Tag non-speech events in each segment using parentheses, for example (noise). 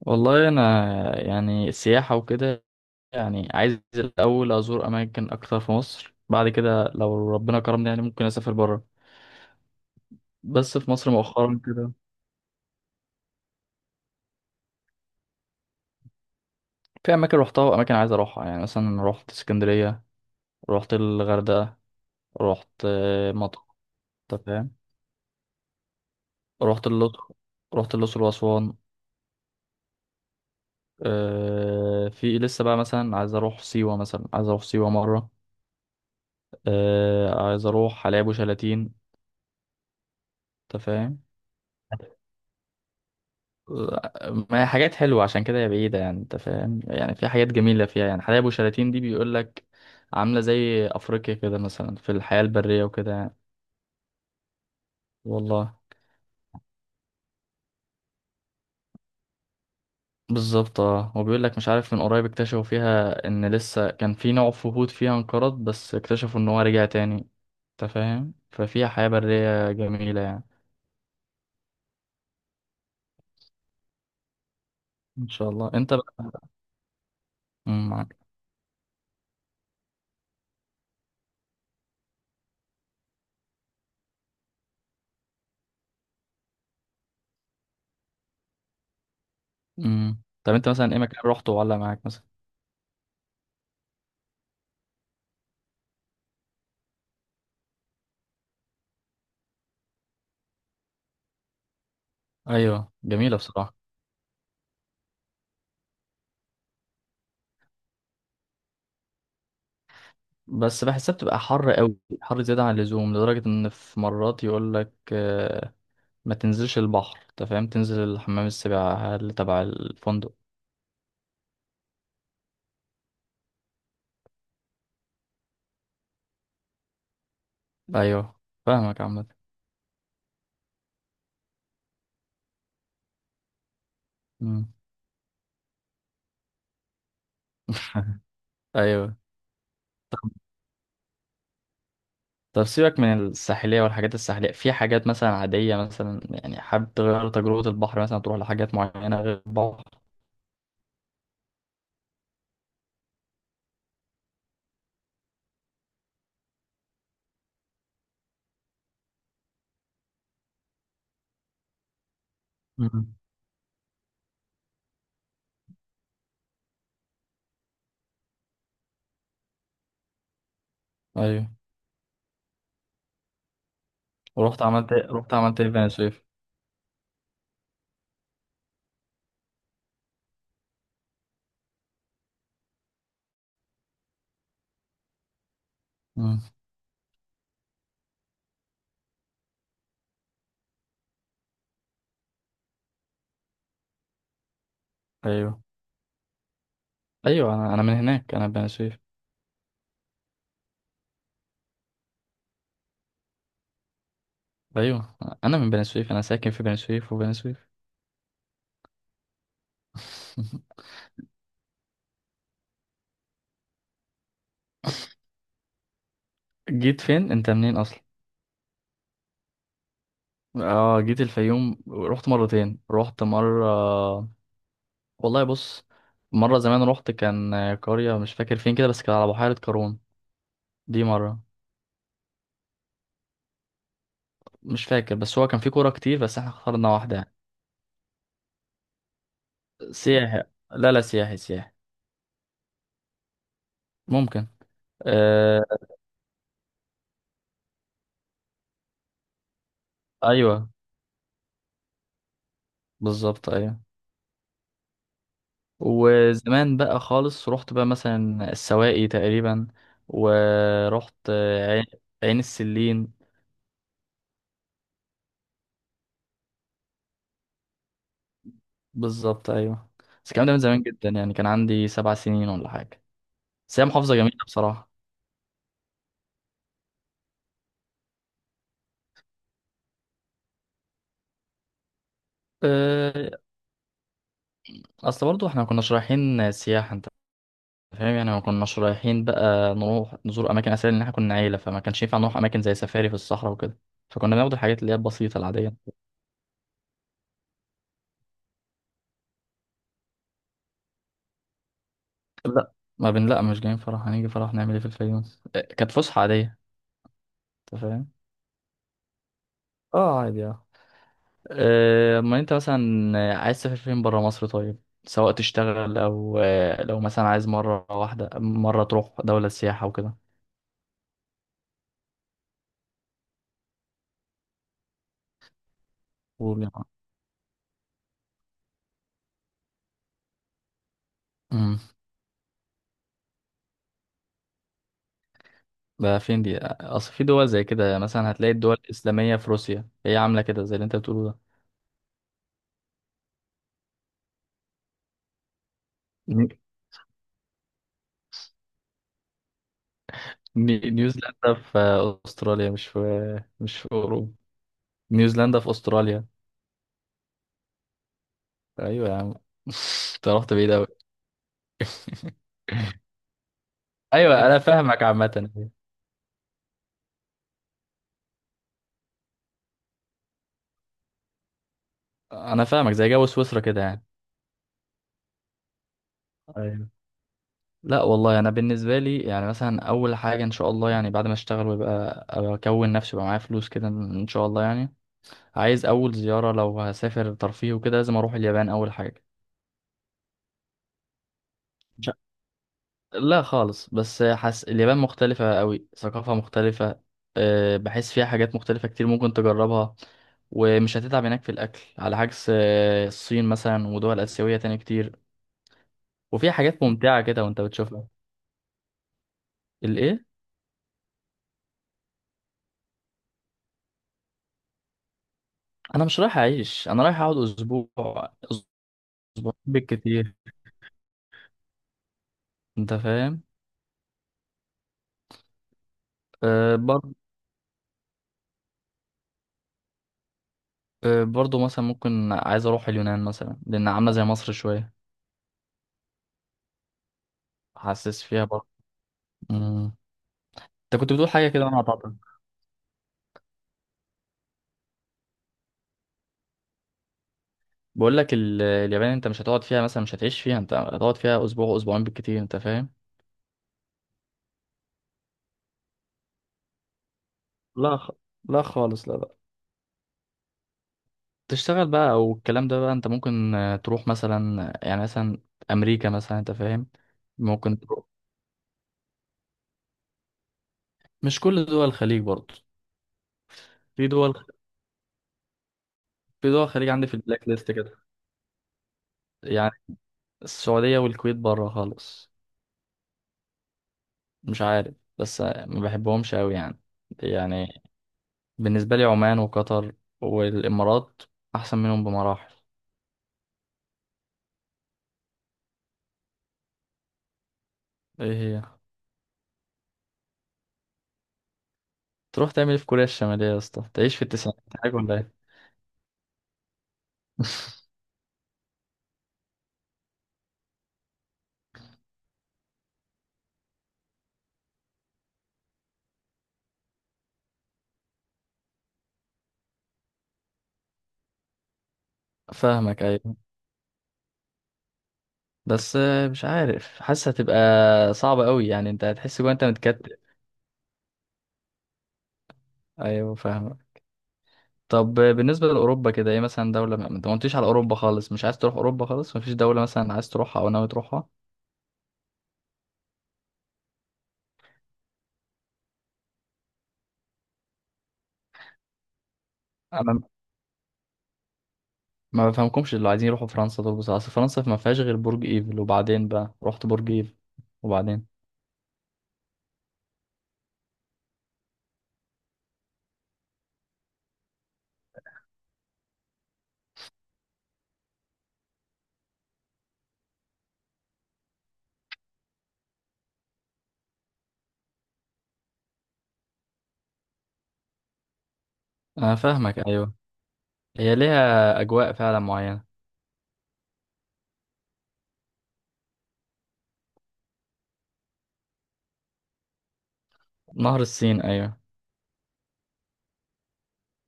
والله انا يعني السياحه وكده. يعني عايز الاول ازور اماكن اكتر في مصر، بعد كده لو ربنا كرمني يعني ممكن اسافر بره. بس في مصر مؤخرا كده، في اماكن روحتها واماكن عايز اروحها. يعني مثلا رحت اسكندريه، رحت الغردقه، رحت مطروح. أنت فاهم. رحت الاقصر، واسوان. في لسه بقى مثلا عايز اروح سيوه، مره. عايز اروح حلايب وشلاتين. أنت فاهم. ما هي حاجات حلوة عشان كده هي بعيدة، يعني انت فاهم، يعني في حاجات جميلة فيها. يعني حدائق أبو شلاتين دي بيقول لك عاملة زي أفريقيا كده، مثلا في الحياة البرية وكده يعني. والله بالظبط اه، وبيقول لك مش عارف، من قريب اكتشفوا فيها ان لسه كان في نوع فهود فيها انقرض، بس اكتشفوا ان هو رجع تاني. انت فاهم، ففيها حياة برية جميلة يعني. ان شاء الله، انت بقى. مم، معاك. مم. طب انت مثلا ايه مكان رحته وعلق معاك مثلا؟ ايوه جميلة بصراحة. بس بحسها بتبقى حر قوي، حر زيادة عن اللزوم، لدرجة إن في مرات يقول لك ما تنزلش البحر، أنت فاهم، تنزل حمام السباحة اللي تبع الفندق. أيوه فاهمك عامة. مم. (laughs) أيوه. طب سيبك من الساحلية والحاجات الساحلية، في حاجات مثلا عادية، مثلا يعني حابب تغير تجربة البحر، مثلا تروح لحاجات معينة غير البحر؟ مم. أيوه. ورحت عملت إيه؟ رحت عملت إيه في بني سويف؟ مم. أيوه. أيوه أنا من هناك، أنا بني سويف. ايوه انا من بني سويف، انا ساكن في بني سويف، وبني سويف. (laughs) جيت فين؟ انت منين اصلا؟ اه جيت الفيوم، رحت مرتين. رحت مره، والله بص، مره زمان رحت. كان قريه مش فاكر فين كده، بس كان على بحيره قارون. دي مره. مش فاكر، بس هو كان في كوره كتير بس احنا اخترنا واحده يعني. سياحي. لا لا، سياحي سياحي. ممكن. آه. ايوه بالظبط ايوه. وزمان بقى خالص، رحت بقى مثلا السواقي تقريبا، ورحت عين، عين السلين. بالظبط ايوه. بس الكلام ده من زمان جدا، يعني كان عندي 7 سنين ولا حاجه. بس هي محافظه جميله بصراحه. أه، اصل برضو احنا ما كناش رايحين سياحه، انت فاهم، يعني ما كناش رايحين بقى نروح نزور اماكن اثريه، لان احنا كنا عيله، فما كانش ينفع نروح اماكن زي سفاري في الصحراء وكده. فكنا بناخد الحاجات اللي هي البسيطه العاديه. لا، ما بن لا، مش جايين فرح. هنيجي فرح نعمل ايه في الفيوم؟ كانت فسحه عاديه، انت فاهم. اه عادي اه. اما انت مثلا عايز تسافر فين بره مصر؟ طيب سواء تشتغل او لو مثلا عايز مره واحده مره تروح دوله سياحه وكده. قول يا معلم. امم ده فين دي؟ اصل في دول زي كده، مثلا هتلاقي الدول الاسلاميه في روسيا هي عامله كده زي اللي انت بتقوله ده. ني- نيوزيلندا في استراليا، مش في اوروبا. نيوزيلندا في استراليا. ايوه يا عم. (laughs) انت رحت بعيد قوي. (laughs) ايوه انا فاهمك عامه. انا فاهمك، زي جو سويسرا كده يعني. أيوة. لا والله انا بالنسبه لي، يعني مثلا اول حاجه ان شاء الله، يعني بعد ما اشتغل ويبقى اكون نفسي، ويبقى معايا فلوس كده ان شاء الله، يعني عايز اول زياره لو هسافر ترفيه وكده، لازم اروح اليابان اول حاجه. مش ع- لا خالص، بس حس اليابان مختلفه قوي، ثقافه مختلفه. بحس فيها حاجات مختلفه كتير ممكن تجربها، ومش هتتعب هناك في الاكل على عكس الصين مثلا ودول اسيويه تاني كتير. وفيها حاجات ممتعه كده وانت بتشوفها. الايه؟ انا مش رايح اعيش، انا رايح اقعد اسبوع، اسبوع بالكتير، انت فاهم. أه بر... أه برضو مثلا ممكن، عايز اروح اليونان مثلا لان عامله زي مصر شويه. حاسس فيها برضه. مم. انت كنت بتقول حاجه كده وانا قطعتك. اليابان انت مش هتقعد فيها مثلا، مش هتعيش فيها، انت هتقعد فيها اسبوع، اسبوعين بالكتير، انت فاهم. لا خ... لا خالص، لا لا. تشتغل بقى او الكلام ده بقى، انت ممكن تروح مثلا، يعني مثلا امريكا مثلا، انت فاهم. ممكن تروح، مش كل دول الخليج برضه. في دول، في دول الخليج عندي في البلاك ليست كده، يعني السعودية والكويت بره خالص. مش عارف، بس ما بحبهمش قوي يعني. يعني بالنسبة لي عمان وقطر والإمارات أحسن منهم بمراحل. إيه؟ هي تروح تعمل إيه في كوريا الشمالية يا اسطى؟ تعيش في التسعينات حاجة ولا إيه؟ (laughs) فاهمك أيوة. بس مش عارف، حاسة هتبقى صعبة قوي يعني، أنت هتحس جوا أنت متكتل. أيوة فاهمك. طب بالنسبة لأوروبا كده، ايه مثلا دولة؟ ما انت ما قلتليش على أوروبا خالص، مش عايز تروح أوروبا خالص؟ مفيش دولة مثلا عايز تروحها أو ناوي تروحها؟ أنا ما بفهمكمش اللي عايزين يروحوا فرنسا دول بصراحة، أصل فرنسا ما فيهاش غير برج إيفل، وبعدين بقى رحت برج إيفل وبعدين. أنا فاهمك أيوه، هي ليها أجواء فعلا معينة. نهر السين أيوه.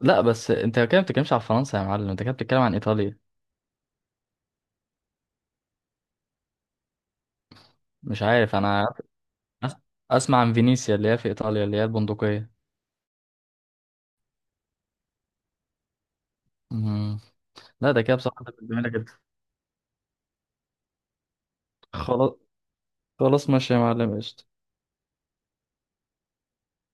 لا بس أنت كده ما بتتكلمش على فرنسا يا معلم، أنت كده بتتكلم عن إيطاليا. مش عارف أنا. أس- أسمع عن فينيسيا اللي هي في إيطاليا، اللي هي البندقية. مم. لا ده كده بصراحة جميلة جدا. خلاص، خلاص ماشي يا معلم، قشطة.